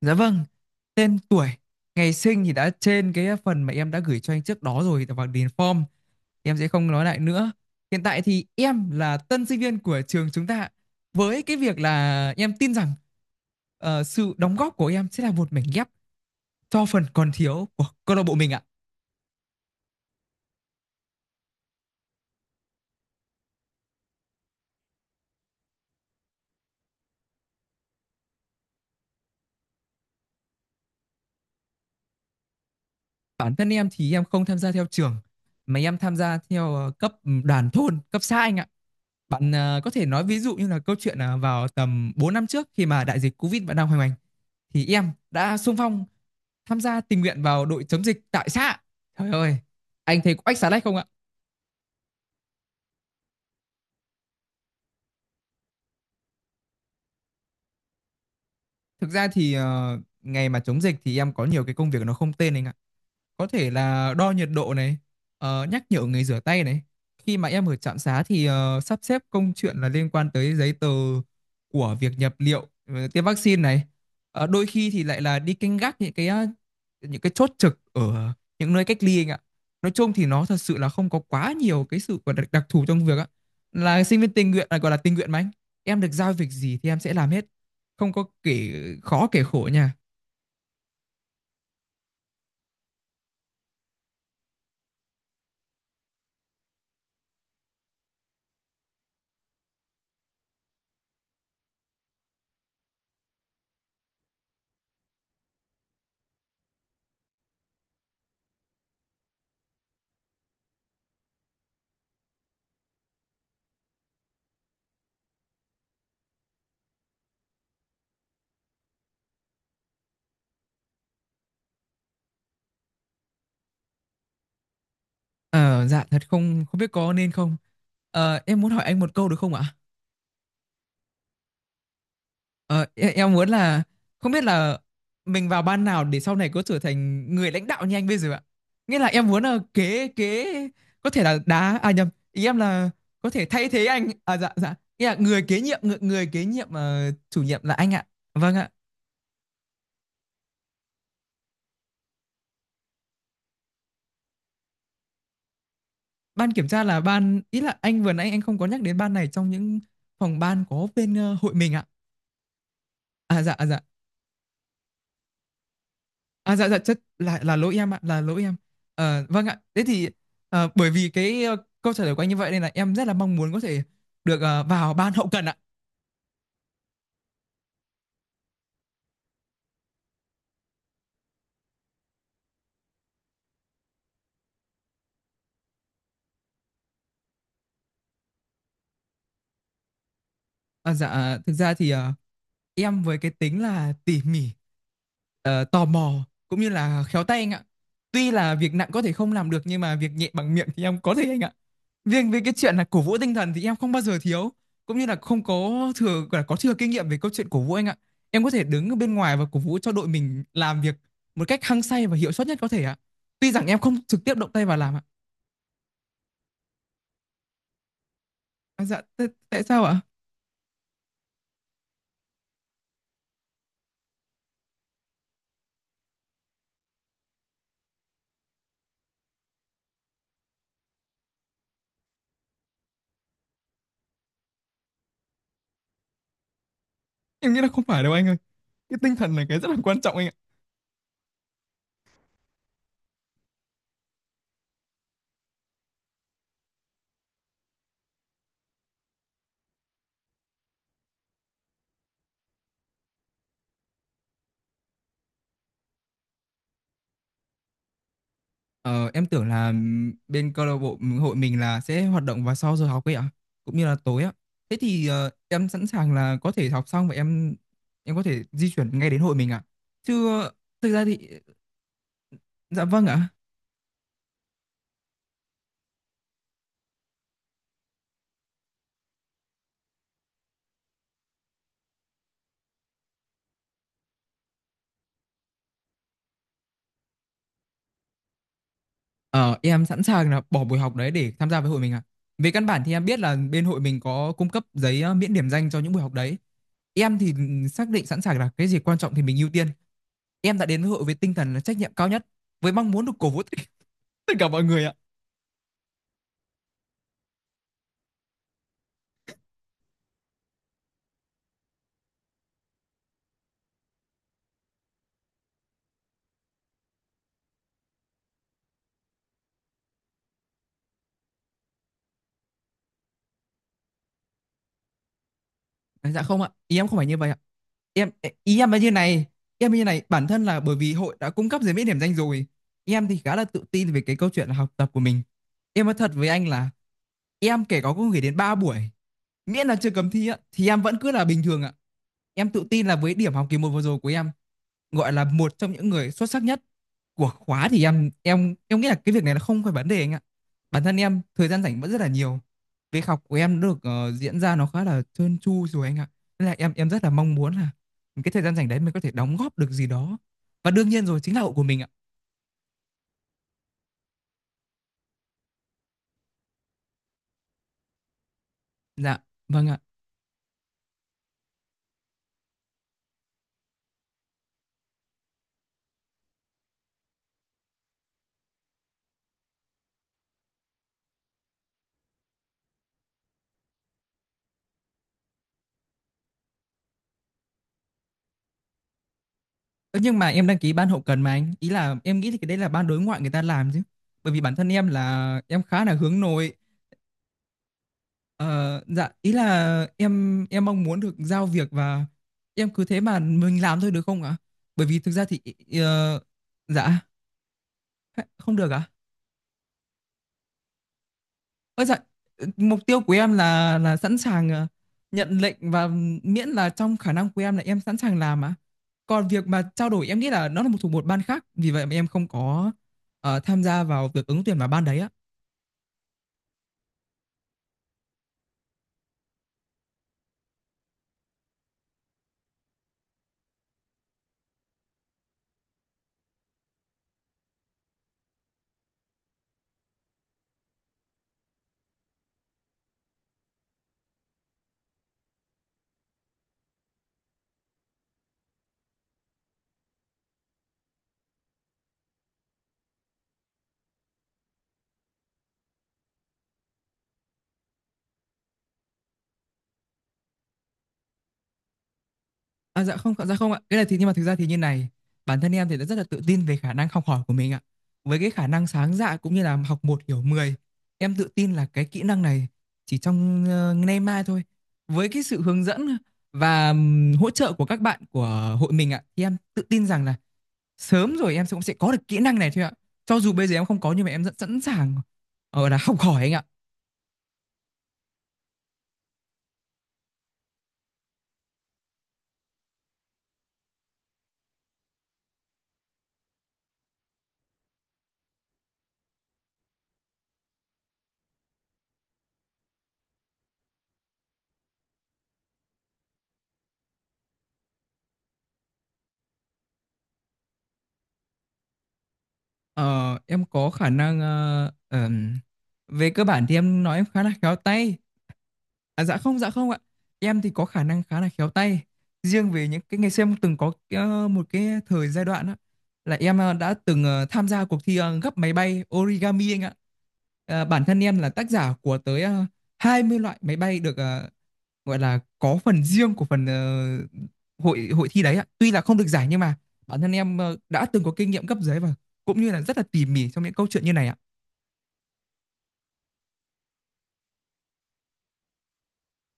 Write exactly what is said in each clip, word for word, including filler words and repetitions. Dạ vâng, tên tuổi, ngày sinh thì đã trên cái phần mà em đã gửi cho anh trước đó rồi và điền form. Em sẽ không nói lại nữa. Hiện tại thì em là tân sinh viên của trường chúng ta. Với cái việc là em tin rằng ờ, sự đóng góp của em sẽ là một mảnh ghép cho phần còn thiếu của câu lạc bộ mình ạ. Bản thân em thì em không tham gia theo trường mà em tham gia theo ờ, cấp đoàn thôn, cấp xã anh ạ. Bạn à, có thể nói ví dụ như là câu chuyện à, vào tầm bốn năm trước khi mà đại dịch Covid vẫn đang hoành hành thì em đã xung phong tham gia tình nguyện vào đội chống dịch tại xã. Trời ơi, anh thấy có ách xá lách không ạ? Thực ra thì ờ, ngày mà chống dịch thì em có nhiều cái công việc nó không tên anh ạ. Có thể là đo nhiệt độ này, ờ, nhắc nhở người rửa tay này, khi mà em ở trạm xá thì ờ, sắp xếp công chuyện là liên quan tới giấy tờ của việc nhập liệu, ờ, tiêm vaccine này. Ờ, đôi khi thì lại là đi canh gác những cái ờ, những cái chốt trực ở những nơi cách ly anh ạ. Nói chung thì nó thật sự là không có quá nhiều cái sự gọi là đặc thù trong việc á, là sinh viên tình nguyện là gọi là tình nguyện mà anh. Em được giao việc gì thì em sẽ làm hết, không có kể khó kể khổ nha. Ờ, dạ thật, không không biết có nên không. Ờ, em muốn hỏi anh một câu được không ạ? Ờ, em, em muốn là không biết là mình vào ban nào để sau này có trở thành người lãnh đạo như anh bây giờ ạ. Nghĩa là em muốn là kế kế có thể là đá à nhầm, ý em là có thể thay thế anh. À, dạ dạ. Nghĩa là người kế nhiệm người, người kế nhiệm ờ, chủ nhiệm là anh ạ. Vâng ạ. Ban kiểm tra là ban, ý là anh vừa nãy anh không có nhắc đến ban này trong những phòng ban có bên ờ, hội mình ạ. À, dạ dạ. À, dạ dạ, chất là là lỗi em ạ, là lỗi em. Ờ, vâng ạ. Thế thì ờ, bởi vì cái ờ, câu trả lời của anh như vậy nên là em rất là mong muốn có thể được ờ, vào ban hậu cần ạ. À, dạ thực ra thì ờ, em với cái tính là tỉ mỉ, ờ, tò mò cũng như là khéo tay anh ạ. Tuy là việc nặng có thể không làm được nhưng mà việc nhẹ bằng miệng thì em có thể anh ạ. Riêng về cái chuyện là cổ vũ tinh thần thì em không bao giờ thiếu, cũng như là không có thừa là có thừa kinh nghiệm về câu chuyện cổ vũ anh ạ. Em có thể đứng ở bên ngoài và cổ vũ cho đội mình làm việc một cách hăng say và hiệu suất nhất có thể ạ, tuy rằng em không trực tiếp động tay vào làm ạ. À, dạ t- tại sao ạ? Em nghĩ là không phải đâu anh ơi, cái tinh thần là cái rất là quan trọng anh ạ. Ờ, em tưởng là ừ, bên câu lạc bộ hội mình là sẽ hoạt động vào sau giờ học ấy ạ, cũng như là tối ạ. Thế thì ờ, em sẵn sàng là có thể học xong và em em có thể di chuyển ngay đến hội mình ạ. Chứ ờ, thực ra thì. Dạ vâng ạ. Ờ, em sẵn sàng là bỏ buổi học đấy để tham gia với hội mình ạ. Về căn bản thì em biết là bên hội mình có cung cấp giấy ờ, miễn điểm danh cho những buổi học đấy. Em thì ừ, xác định sẵn sàng là cái gì quan trọng thì mình ưu tiên. Em đã đến với hội với tinh thần là trách nhiệm cao nhất, với mong muốn được cổ vũ tất cả mọi người ạ. À, dạ không ạ, ý em không phải như vậy ạ. Em, ý em là như này, em như này bản thân là bởi vì hội đã cung cấp giấy miễn điểm danh rồi. Em thì khá là tự tin về cái câu chuyện là học tập của mình. Em nói thật với anh là em kể có cũng gửi đến ba buổi, miễn là chưa cấm thi á thì em vẫn cứ là bình thường ạ. Em tự tin là với điểm học kỳ một vừa rồi của em gọi là một trong những người xuất sắc nhất của khóa thì em em em nghĩ là cái việc này là không phải vấn đề anh ạ. Bản thân em thời gian rảnh vẫn rất là nhiều. Việc học của em được ờ, diễn ra nó khá là trơn tru rồi anh ạ, nên là em em rất là mong muốn là cái thời gian rảnh đấy mình có thể đóng góp được gì đó, và đương nhiên rồi chính là hậu của mình ạ. Dạ vâng ạ. Ơ, nhưng mà em đăng ký ban hậu cần mà anh, ý là em nghĩ thì cái đấy là ban đối ngoại người ta làm chứ, bởi vì bản thân em là em khá là hướng nội. Ờ, dạ ý là em em mong muốn được giao việc và em cứ thế mà mình làm thôi được không ạ? Bởi vì thực ra thì ờ, dạ không được ạ. Ơ dạ, mục tiêu của em là là sẵn sàng ờ, nhận lệnh và miễn là trong khả năng của em là em sẵn sàng làm ạ. Còn việc mà trao đổi em nghĩ là nó là một thuộc một ban khác, vì vậy mà em không có ờ, tham gia vào việc ứng tuyển vào ban đấy ạ. À, dạ không, dạ không ạ. Cái này thì nhưng mà thực ra thì như này, bản thân em thì đã rất là tự tin về khả năng học hỏi của mình ạ. Với cái khả năng sáng dạ cũng như là học một hiểu mười, em tự tin là cái kỹ năng này chỉ trong ờ, nay mai thôi. Với cái sự hướng dẫn và ừm, hỗ trợ của các bạn của hội mình ạ, thì em tự tin rằng là sớm rồi em sẽ cũng sẽ có được kỹ năng này thôi ạ. Cho dù bây giờ em không có nhưng mà em rất sẵn sàng ở là học hỏi anh ạ. Ờ, em có khả năng ờ, ờm, về cơ bản thì em nói em khá là khéo tay. À, dạ không, dạ không ạ. Em thì có khả năng khá là khéo tay. Riêng về những cái ngày xưa em từng có ờ, một cái thời giai đoạn á là em ờ, đã từng ờ, tham gia cuộc thi ờ, gấp máy bay origami anh ạ. Ờ, bản thân em là tác giả của tới uh, hai mươi loại máy bay được ờ, gọi là có phần riêng của phần ờ, hội hội thi đấy ạ. Tuy là không được giải nhưng mà bản thân em ờ, đã từng có kinh nghiệm cấp dưới và cũng như là rất là tỉ mỉ trong những câu chuyện như này ạ.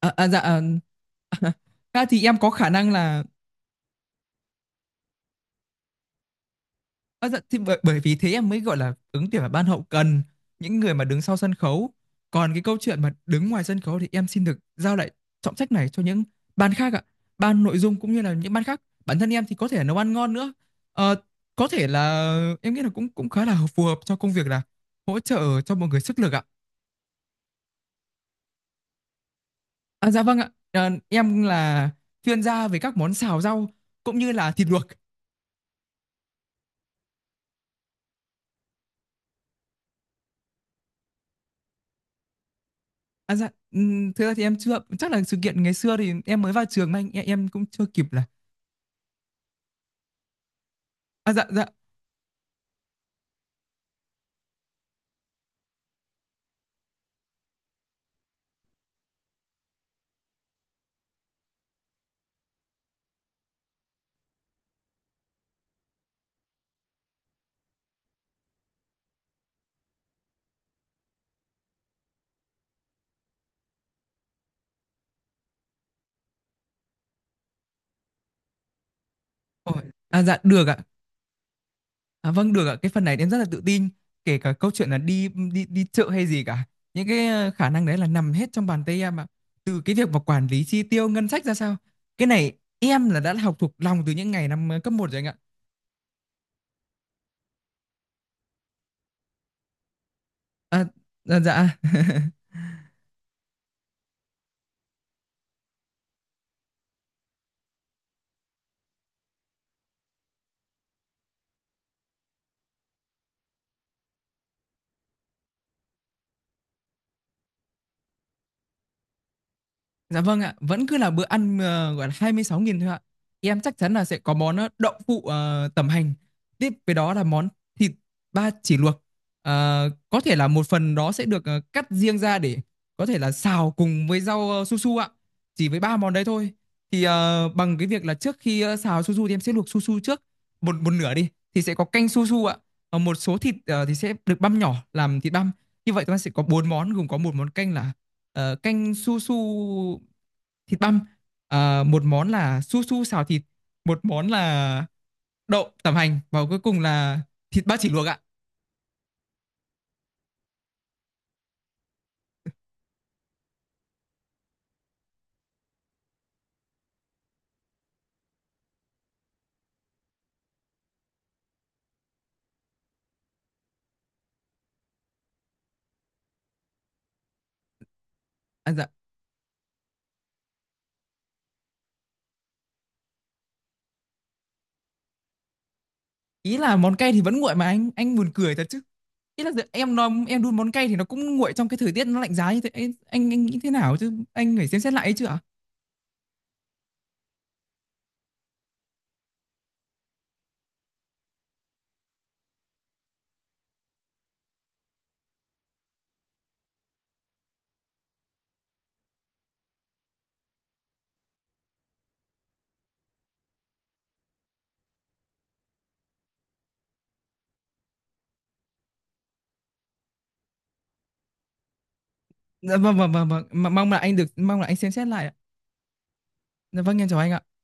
À, à, dạ ờ, à, thì em có khả năng là. À, dạ, thì bởi, bởi vì thế em mới gọi là ứng tuyển vào ban hậu cần, những người mà đứng sau sân khấu. Còn cái câu chuyện mà đứng ngoài sân khấu thì em xin được giao lại trọng trách này cho những ban khác ạ, ban nội dung cũng như là những ban khác. Bản thân em thì có thể là nấu ăn ngon nữa. Ờ, có thể là em nghĩ là cũng cũng khá là phù hợp cho công việc là hỗ trợ cho mọi người sức lực ạ. À, dạ vâng ạ. Ờ, em là chuyên gia về các món xào rau cũng như là thịt luộc. À, dạ, ừm, thực ra thì em chưa chắc là sự kiện ngày xưa thì em mới vào trường mà anh, em em cũng chưa kịp là. À dạ dạ. Ôi, à dạ được ạ. À vâng được ạ. Cái phần này em rất là tự tin, kể cả câu chuyện là đi đi đi chợ hay gì cả. Những cái ờ, khả năng đấy là nằm hết trong bàn tay em ạ. Từ cái việc mà quản lý chi tiêu ngân sách ra sao. Cái này em là đã học thuộc lòng từ những ngày năm ờ, cấp một rồi anh ạ. À, dạ. dạ. Dạ vâng ạ, vẫn cứ là bữa ăn ờ, gọi là hai mươi sáu nghìn thôi ạ. Em chắc chắn là sẽ có món ờ, đậu phụ ờ, tẩm hành. Tiếp với đó là món thịt ba chỉ luộc. Ờ, có thể là một phần đó sẽ được ờ, cắt riêng ra để có thể là xào cùng với rau ờ, su su ạ. Chỉ với ba món đấy thôi. Thì ờ, bằng cái việc là trước khi ờ, xào su su thì em sẽ luộc su su trước một một nửa đi thì sẽ có canh su su ạ. Ờ, một số thịt ờ, thì sẽ được băm nhỏ làm thịt băm. Như vậy chúng ta sẽ có bốn món gồm có một món canh là ờ, canh su su thịt băm. Ờ, một món là su su xào thịt, một món là đậu tẩm hành và cuối cùng là thịt ba chỉ luộc ạ. À, dạ. Ý là món cay thì vẫn nguội mà anh anh buồn cười thật chứ. Ý là giờ em nói em đun món cay thì nó cũng nguội trong cái thời tiết nó lạnh giá như thế anh anh, anh nghĩ thế nào chứ anh phải xem xét lại ấy chứ ạ. Dạ, vâng vâng vâng vâng. Mà- mong là anh được mong là anh xem xét lại ạ. Dạ, vâng em chào anh ạ.